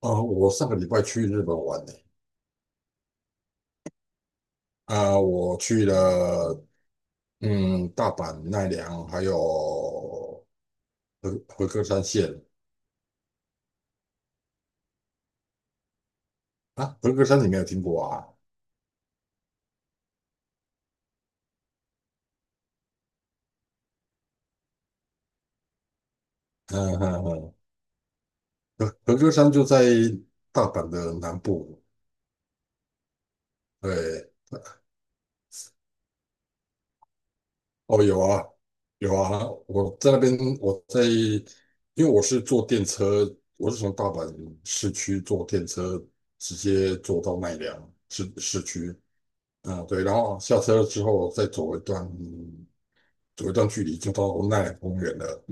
哦，我上个礼拜去日本玩呢。啊、我去了大阪、奈良，还有和歌山县。啊，和歌山你没有听过啊？嗯嗯嗯，和歌山就在大阪的南部。对。哦有啊，有啊，我在那边我在，因为我是坐电车，我是从大阪市区坐电车直接坐到奈良市市区。啊，对，然后下车之后再走一段距离就到奈良公园了。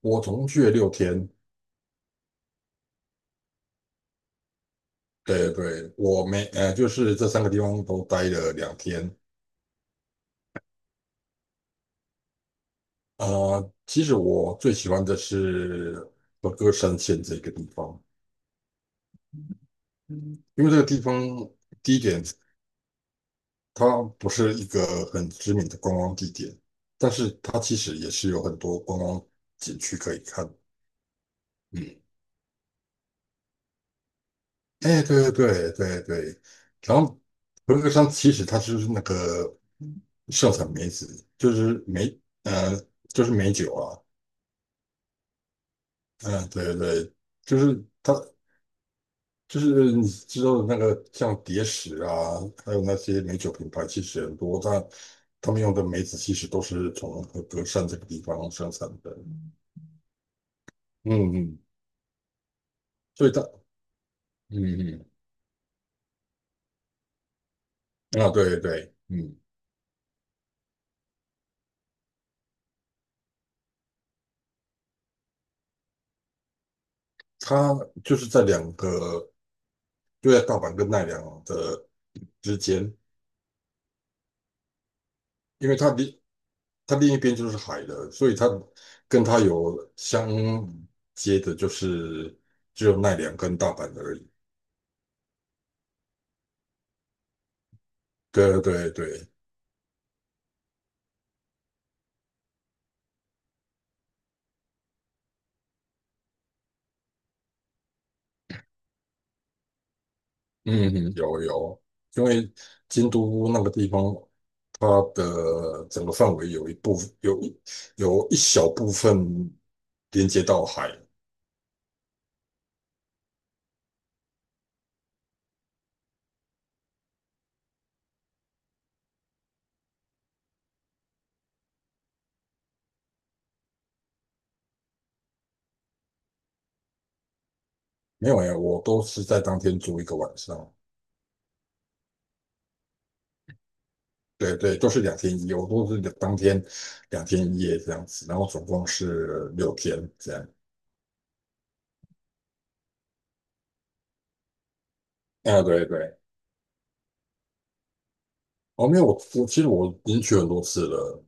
我总共去了六天。对对，我没，呃，就是这三个地方都待了两天。其实我最喜欢的是和歌山县这个地方。因为这个地方第一点，它不是一个很知名的观光地点，但是它其实也是有很多观光景区可以看。嗯，哎，对对对对对。然后合格山其实它就是那个盛产梅子，就是梅，呃，就是梅酒啊。嗯，对对。就是它，就是你知道的那个像蝶石啊，还有那些美酒品牌，其实很多。他们用的梅子其实都是从合格山这个地方生产的。嗯嗯。所以它，嗯嗯，啊，对对，嗯，它就是在两个。就在大阪跟奈良的之间。因为它另一边就是海了，所以它跟它有相接的，就是只有奈良跟大阪而已。对对对。嗯哼，有有。因为京都那个地方，它的整个范围有一部分有一小部分连接到海。没有哎，我都是在当天住一个晚上。对对，都是两天一夜，我都是当天两天一夜这样子，然后总共是六天这样。啊，对对。哦，没有，我其实我已经去很多次了。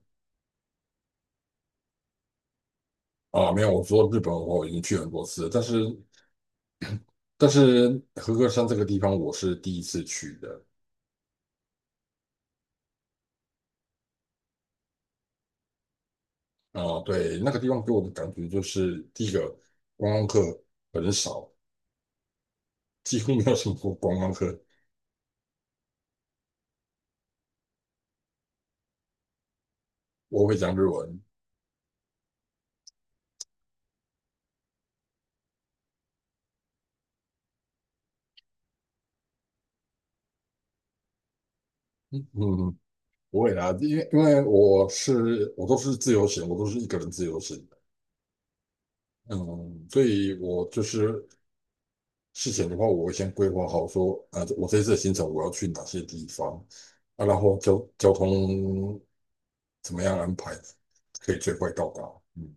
啊，没有，我说日本我已经去很多次了但是和歌山这个地方我是第一次去的。啊，对，那个地方给我的感觉就是第一个观光客很少，几乎没有什么观光客。我会讲日文。嗯，不会啦，因为我都是自由行，我都是一个人自由行。嗯，所以我就是事前的话，我会先规划好说，啊，我这次的行程我要去哪些地方，啊，然后交通怎么样安排，可以最快到达。嗯，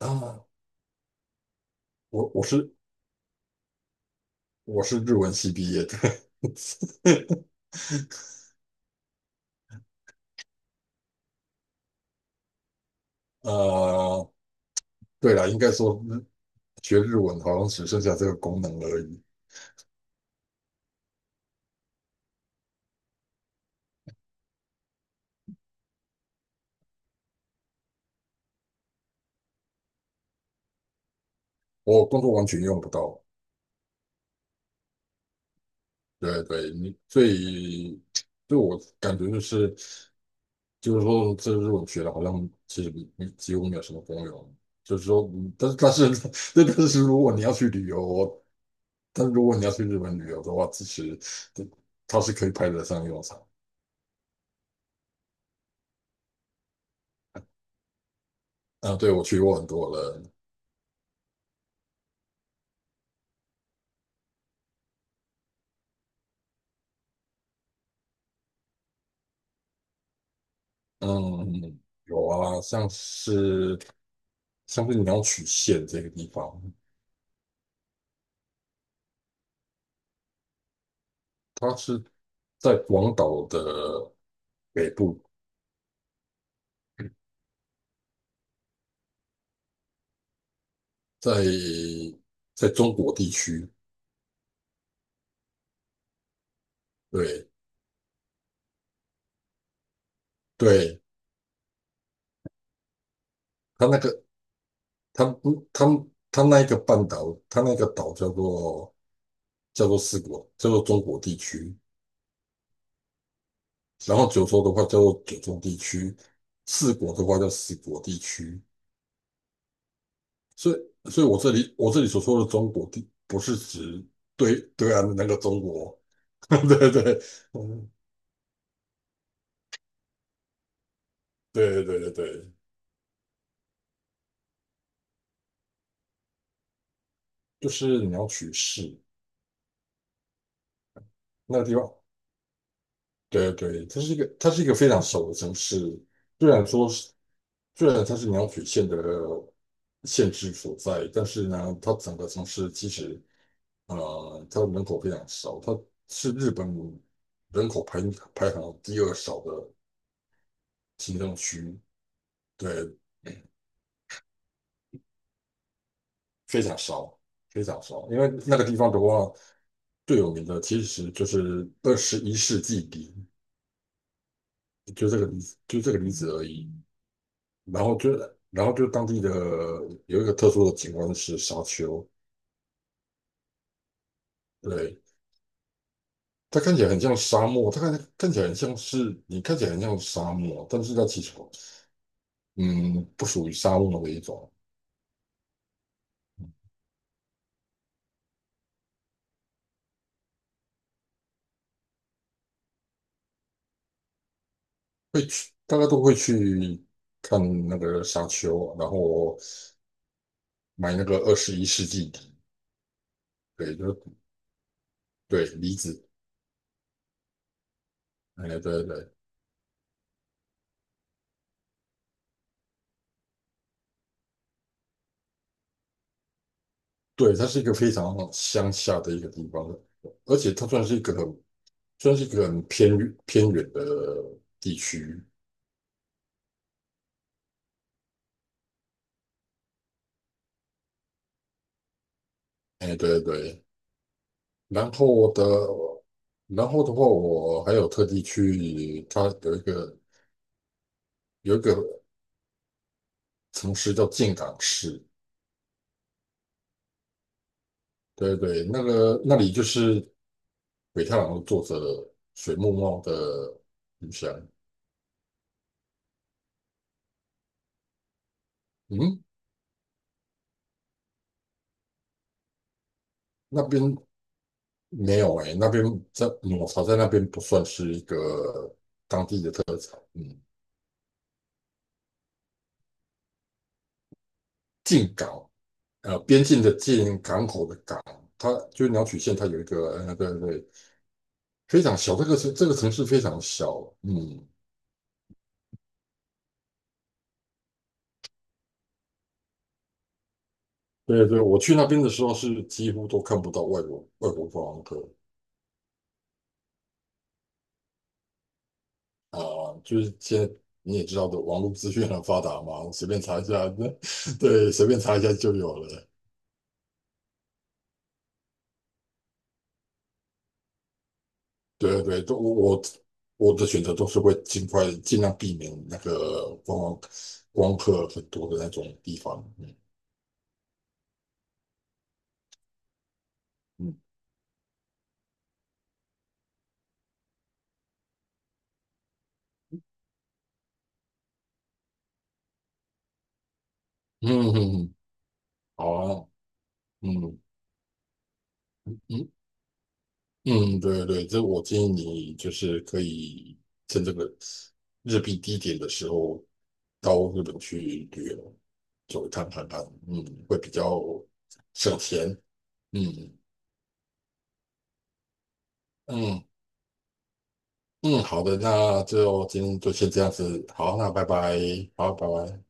啊，我我是我是日文系毕业的。呃，对了，应该说学日文好像只剩下这个功能而已。我工作完全用不到。对对，所以对我感觉就是。就是说，我学的好像其实没几乎没有什么功用。就是说，但是 但是如果你要去旅游，但如果你要去日本旅游的话，其实这它是可以派得上用场。啊，对，我去过很多了。嗯，有啊，像是鸟取县这个地方。它是在广岛的北部，在在中国地区。对对。它那个他们不，他那一个半岛，他那个岛叫做四国，叫做中国地区。然后九州的话叫做九州地区，四国的话叫四国地区。所以我这里所说的中国地，不是指对岸的那个中国。对对。嗯，对对对对，就是你要取势。那个地方对对，它是一个非常小的城市。虽然说是，虽然它是鸟取县的县治所在，但是呢，它整个城市其实，它的人口非常少。它是日本人口排行第二少的行政区。对，非常少，非常少。因为那个地方的话，最有名的其实就是二十一世纪梨，就这个梨，就这个例子而已。然后就然后就当地的有一个特殊的景观是沙丘。对，它看起来很像沙漠，它看起来很像是你看起来很像沙漠，但是它其实嗯不属于沙漠的一种。大家都会去看那个沙丘，然后买那个二十一世纪梨。对，就是对梨子。哎，对对对。对，它是一个非常乡下的一个地方。而且它算是一个很偏远的地区。哎，对对然后的，然后的话，我还有特地去，它有一个城市叫静冈市。对对，那里就是北太郎的作者水木茂的故乡。嗯，那边没有哎、那边抹茶在那边不算是一个。嗯进港，边境的进，港口的港。它就是鸟取县，它有一个对对非常小。这个城市非常小。嗯，对对，我去那边的时候是几乎都看不到外国观光客。啊、就是现在你也知道的，网络资讯很发达嘛，随便查一下。对，随便查一下就有了。对对。都我我我的选择都是会尽量避免那个观光客很多的那种地方。嗯嗯嗯嗯，嗯好啊，嗯嗯。嗯，对对，我建议你就是可以趁这个日币低点的时候到日本去旅游，走一趟看看，会比较省钱。嗯嗯嗯，好的，那就今天就先这样子，好，那拜拜，好，拜拜。